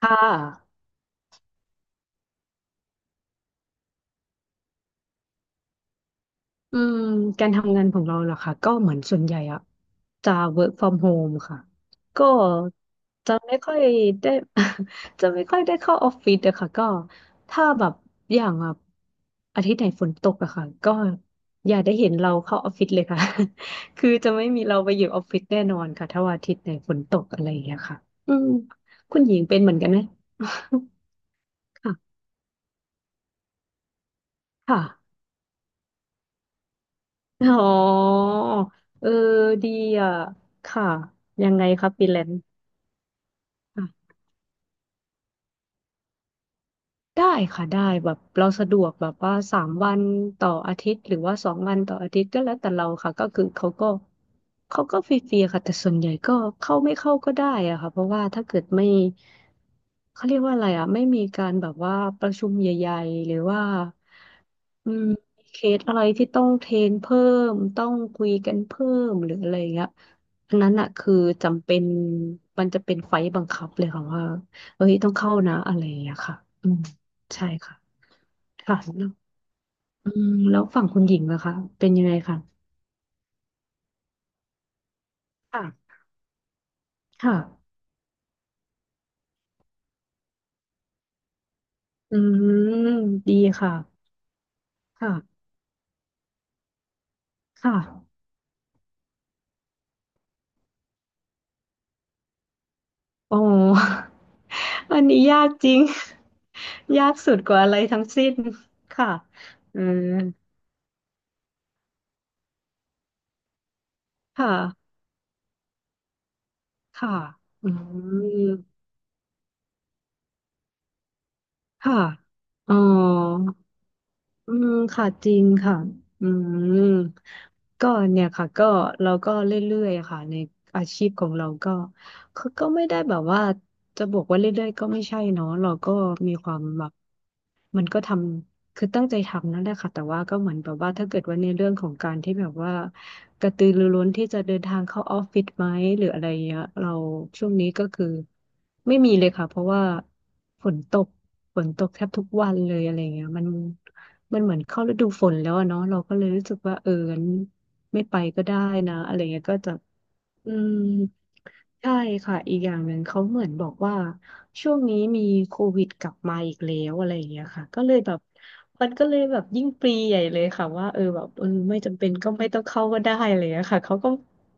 ค่ะอืมการทำงานของเราเหรอคะก็เหมือนส่วนใหญ่อะจะ work from home ค่ะก็จะไม่ค่อยได้ จะไม่ค่อยได้เข้าออฟฟิศอะค่ะก็ถ้าแบบอย่างแบบอาทิตย์ไหนฝนตกอะค่ะก็อย่าได้เห็นเราเข้าออฟฟิศเลยค่ะ คือจะไม่มีเราไปอยู่ออฟฟิศแน่นอนค่ะถ้าวันอาทิตย์ไหนฝนตกอะไรอย่างเงี้ยค่ะอืมคุณหญิงเป็นเหมือนกันไหม ค่ะค่ะ อ๋อเออดีอ่ะ ค่ะ ยังไงครับฟรีแลนซ์ค่ะ ได้ค่ะได้แบบเราสะดวกแบบว่าสามวันต่ออาทิตย์หรือว่าสองวันต่ออาทิตย์ก็แล้วแต่เราค่ะก็คือเขาก็ฟรีๆค่ะแต่ส่วนใหญ่ก็เข้าไม่เข้าก็ได้อะค่ะเพราะว่าถ้าเกิดไม่เขาเรียกว่าอะไรอะไม่มีการแบบว่าประชุมใหญ่ๆหรือว่าอืมมีเคสอะไรที่ต้องเทรนเพิ่มต้องคุยกันเพิ่มหรืออะไรอย่างเงี้ยอันนั้นอะคือจำเป็นมันจะเป็นไฟล์บังคับเลยค่ะว่าเฮ้ยต้องเข้านะอะไรอย่างเงี้ยค่ะอืม ใช่ค่ะค่ะแล้วอืมแล้วฝั่งคุณหญิงล่ะคะเป็นยังไงคะค่ะค่ะอืมดีค่ะค่ะค่ะโอ อันนี้ยากจริง ยากสุดกว่าอะไรทั้งสิ้นค่ะอืมค่ะค่ะอืมค่ะอ๋ออืมค่ะจริงค่ะอืมก็เนี่ยค่ะก็เราก็เรื่อยๆอะค่ะในอาชีพของเราก็ คือก็ไม่ได้แบบว่าจะบอกว่าเรื่อยๆก็ไม่ใช่เนาะเราก็มีความแบบมันก็ทำคือตั้งใจทำนั่นแหละค่ะแต่ว่าก็เหมือนแบบว่าถ้าเกิดว่าในเรื่องของการที่แบบว่ากระตือรือร้นที่จะเดินทางเข้าออฟฟิศไหมหรืออะไรเงี้ยเราช่วงนี้ก็คือไม่มีเลยค่ะเพราะว่าฝนตกฝนตกแทบทุกวันเลยอะไรเงี้ยมันเหมือนเข้าฤดูฝนแล้วอะเนาะเราก็เลยรู้สึกว่าเอองั้นไม่ไปก็ได้นะอะไรเงี้ยก็จะ อืมใช่ค่ะอีกอย่างหนึ่งเขาเหมือนบอกว่าช่วงนี้มีโควิดกลับมาอีกแล้วอะไรอย่างเงี้ยค่ะก็เลยแบบมันก็เลยแบบยิ่งปรีใหญ่เลยค่ะว่าเออแบบเออไม่จำเป็นก็ไม่ต้องเข้าก็ได้อะไรอย่างเลยค่ะเขาก็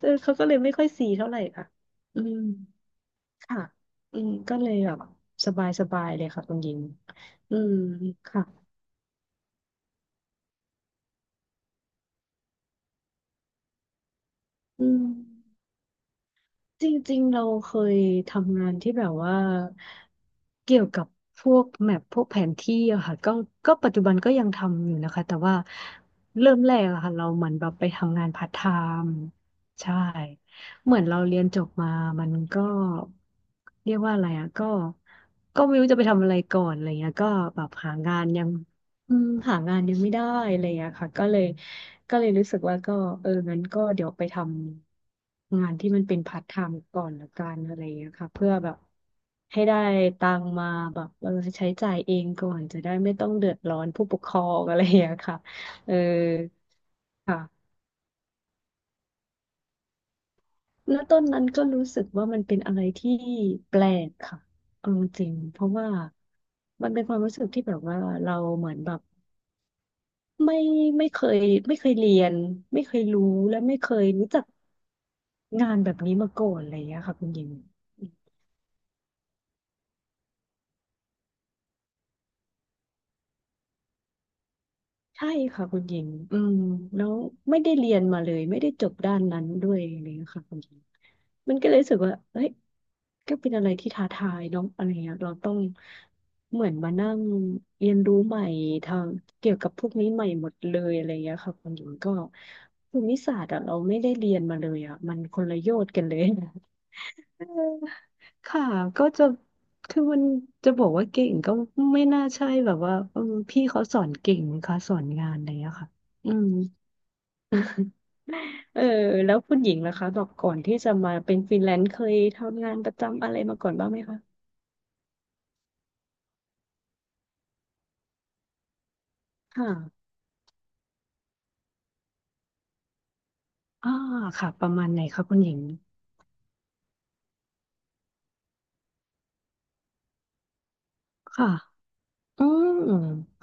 เออเขาก็เลยไม่ค่อยซีเท่าไหร่ค่ะอืมค่ะอืมก็เลยแบบสบายสบายเลยค่ะคุณหญิงอืมค่ะอืม จริงๆเราเคยทำงานที่แบบว่าเกี่ยวกับพวกแมพพวกแผนที่อะค่ะก็ก็ปัจจุบันก็ยังทำอยู่นะคะแต่ว่าเริ่มแรกอะค่ะเราเหมือนแบบไปทำงานพาร์ทไทม์ใช่เหมือนเราเรียนจบมามันก็เรียกว่าอะไรอะก็ก็ไม่รู้จะไปทำอะไรก่อนอะไรเงี้ยก็แบบหางานยังอืมหางานยังไม่ได้อะไรอย่างเงี้ยค่ะก็เลย ก็เลยรู้สึกว่าก็เอองั้นก็เดี๋ยวไปทำงานที่มันเป็นพาร์ทไทม์ก่อนละกันอะไรอย่างเงี้ยค่ะเพื่อแบบให้ได้ตังค์มาแบบเออใช้จ่ายเองก่อนจะได้ไม่ต้องเดือดร้อนผู้ปกครองอะไรอย่างเงี้ยค่ะเออค่ะแล้วต้นนั้นก็รู้สึกว่ามันเป็นอะไรที่แปลกค่ะเอาจริงๆเพราะว่ามันเป็นความรู้สึกที่แบบว่าเราเหมือนแบบไม่ไม่เคยไม่เคยเรียนไม่เคยรู้และไม่เคยรู้จัก งานแบบนี้มาก่อนอะไรอย่างเงี้ยค่ะคุณหญิงใช่ค่ะคุณหญิงอืมแล้วไม่ได้เรียนมาเลยไม่ได้จบด้านนั้นด้วยอะไรอย่างเลยค่ะคุณหญิงมันก็เลยรู้สึกว่าเฮ้ยก็เป็นอะไรที่ท้าทายเนองอะไรเงี้ยเราต้องเหมือนมานั่งเรียนรู้ใหม่ทางเกี่ยวกับพวกนี้ใหม่หมดเลยอะไรเงี้ยค่ะคุณหญิงก็ภูมิศาสตร์อะเราไม่ได้เรียนมาเลยอะมันคนละโยชน์กันเลย เออค่ะก็จะคือมันจะบอกว่าเก่งก็ไม่น่าใช่แบบว่าอืมพี่เขาสอนเก่งนะคะสอนงานอะไรอย่างเงี้ยค่ะอืม เออแล้วคุณหญิงล่ะคะบอกก่อนที่จะมาเป็นฟรีแลนซ์เคยทำงานประจำอะไรมาก่อนบ้างไหมคะค่ะอ่าค่ะประมาณไหนคะคุณหญิงค่ะอืม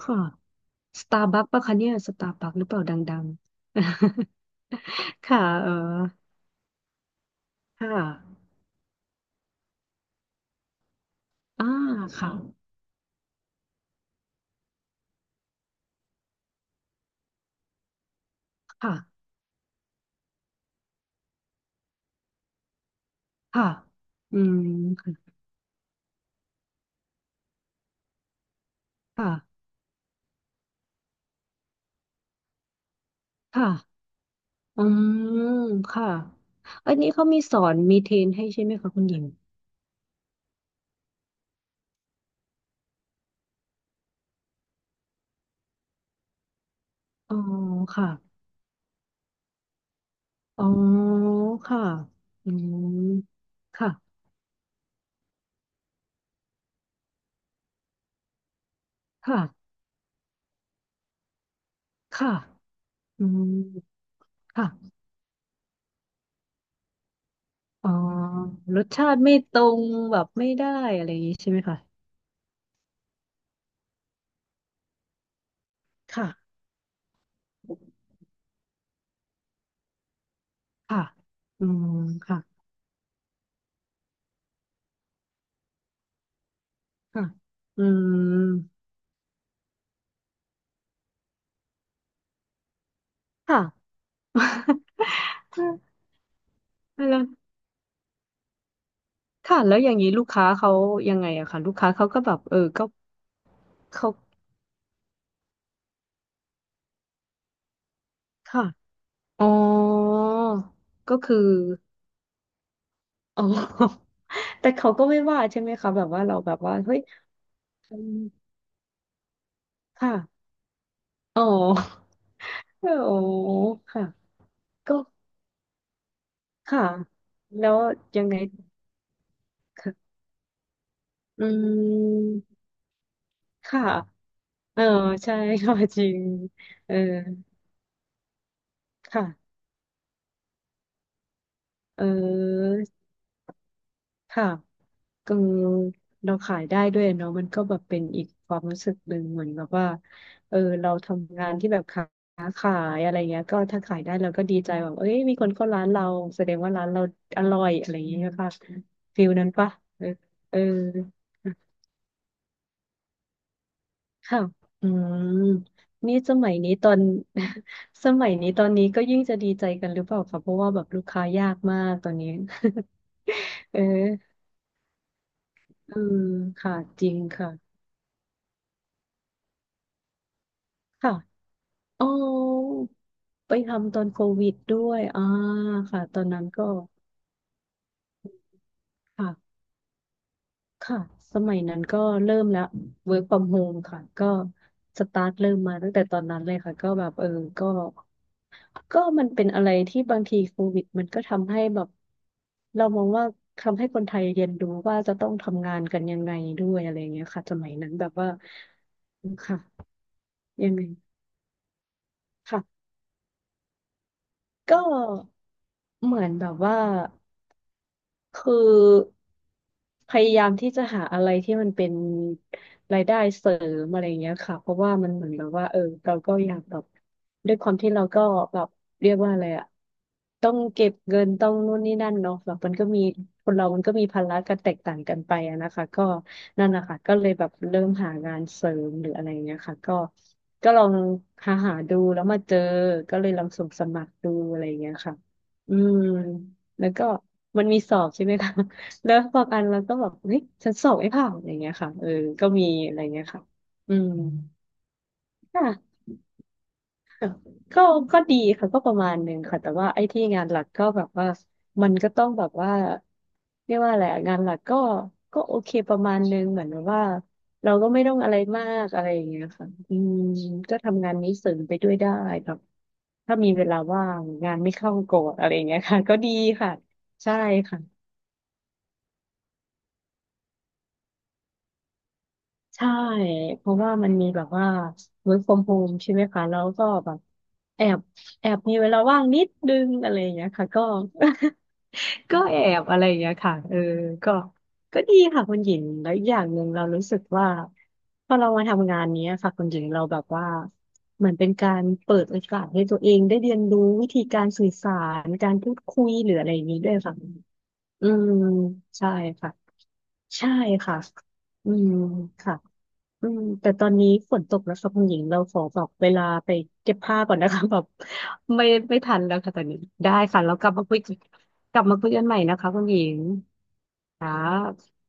ค่ะสตาร์บัคปะคะเนี่ยสตาร์บัคหรือเปล่าดังๆ ค่ะเออค่ะอ่าค่ะค่ะ ค่ะอืมค่ะค่ะอืมค่ะอันนี้เขามีสอนมีเทรนให้ใช่ไหมคะคุณหญิงอ๋อค่ะอ๋อค่ะอืมค่ะค่ะค่ะอืมค่ะอ๋อรสชาติไม่ตรงแบบไม่ได้อะไรอย่างนี้ใช่ไหมคะค่ะค่ะอืมค่ะค่ะอืมค่ะ แล้ว ค่ะแล้วอย่างนี้ลูกค้าเขายังไงอะค่ะลูกค้าเขาก็แบบเออก็เขาค่ะอ๋อก็คืออ๋อ แต่เขาก็ไม่ว่าใช่ไหมคะแบบว่าเราแบบว่าเฮ้ยอืมค่ะอ๋อโอ้ค่ะก็ค่ะแล้วยังไงค่ะอืมค่ะเออใช่ ค่ะจริงเออค่ะเออค่ะ ก็เราขายได้ด้วยเนาะมันก็แบบเป็นอีกความรู้สึกหนึ่งเหมือนแบบว่าเออเราทำงานที่แบบค้าขายอะไรเงี้ยก็ถ้าขายได้เราก็ดีใจแบบเอ้ยมีคนเข้าร้านเราแสดงว่าร้านเราอร่อยอะไรอย่างเงี้ยค่ะฟิลนั้นปะเออเออค่ะอืมนี่สมัยนี้ตอน สมัยนี้ตอนนี้ก็ยิ่งจะดีใจกันหรือเปล่าคะเพราะว่าแบบลูกค้ายากมากตอนนี้ เอออืมค่ะจริงค่ะค่ะอ๋อ ไปทำตอนโควิดด้วยอ่าค่ะตอนนั้นก็ค่ะค่ะสมัยนั้นก็เริ่มแล้ว work from home ค่ะก็สตาร์ทเริ่มมาตั้งแต่ตอนนั้นเลยค่ะก็แบบเออก็ก็มันเป็นอะไรที่บางทีโควิดมันก็ทำให้แบบเรามองว่าทำให้คนไทยเรียนรู้ว่าจะต้องทำงานกันยังไงด้วยอะไรอย่างเงี้ยค่ะสมัยนั้นแบบว่าค่ะยังไงค่ะก็เหมือนแบบว่า คือพยายามที่จะหาอะไรที่มันเป็นรายได้เสริมอะไรเงี้ยค่ะ เราก็อยากแบบด้วยความที่เราก็แบบเรียกว่าอะไรอะต้องเก็บเงินต้องนู่นนี่นั่นเนาะแบบมันก็มีคนเรามันก็มีภาระกันแตกต่างกันไปอะนะคะก็นั่นนะคะก็เลยแบบเริ่มหางานเสริมหรืออะไรอย่างเงี้ยค่ะก็ก็ลองหาหาดูแล้วมาเจอก็เลยลองส่งสมัครดูอะไรอย่างเงี้ยค่ะอืมแล้วก็มันมีสอบใช่ไหมคะ แล้วบางอันเราก็แบบเฮ้ยฉันสอบไม่ผ่านอย่างเงี้ยค่ะเออก็มีอะไรเงี้ยค่ะอืมค่ะ ค่ะก็ก็ดีค่ะก็ประมาณหนึ่งค่ะแต่ว่าไอ้ที่งานหลักก็แบบว่ามันก็ต้องแบบว่าเรียกว่าอะไรอะงานหลักก็ก็โอเคประมาณหนึ่งเหมือนแบบว่าเราก็ไม่ต้องอะไรมากอะไรอย่างเงี้ยค่ะอืมก็ทำงานนี้เสริมไปด้วยได้แบบถ้ามีเวลาว่างงานไม่เข้าโกรธอะไรอย่างเงี้ยค่ะก็ดีค่ะใช่ค่ะ ใช่เพราะว่ามันมีแบบว่า work from home ใช่ไหมคะแล้วก็แบบแอบแอบมีเวลาว่างนิดนึงอะไรอย่างเงี้ยค่ะก็ ก็แอบอะไรอย่างเงี้ยค่ะเออก็ก็ดีค่ะคุณหญิงแล้วอีกอย่างหนึ่งเรารู้สึกว่าพอเรามาทำงานเนี้ยค่ะคุณหญิงเราแบบว่าเหมือนเป็นการเปิดโอกาสให้ตัวเองได้เรียนรู้วิธีการสื่อสารการพูดคุยหรืออะไรอย่างนี้ด้วยค่ะอืมใช่ค่ะใช่ค่ะอืมค่ะ อืมแต่ตอนนี้ฝนตกแล้วค่ะคุณหญิงเราขอแบบเวลาไปเก็บผ้าก่อนนะคะ แบบไม่ไม่ทันแล้วค่ะตอนนี้ได้ค่ะแล้วกลับมาคุยกันกลับมาคุยกันใหม่นะคะคุณหญิงค่ะ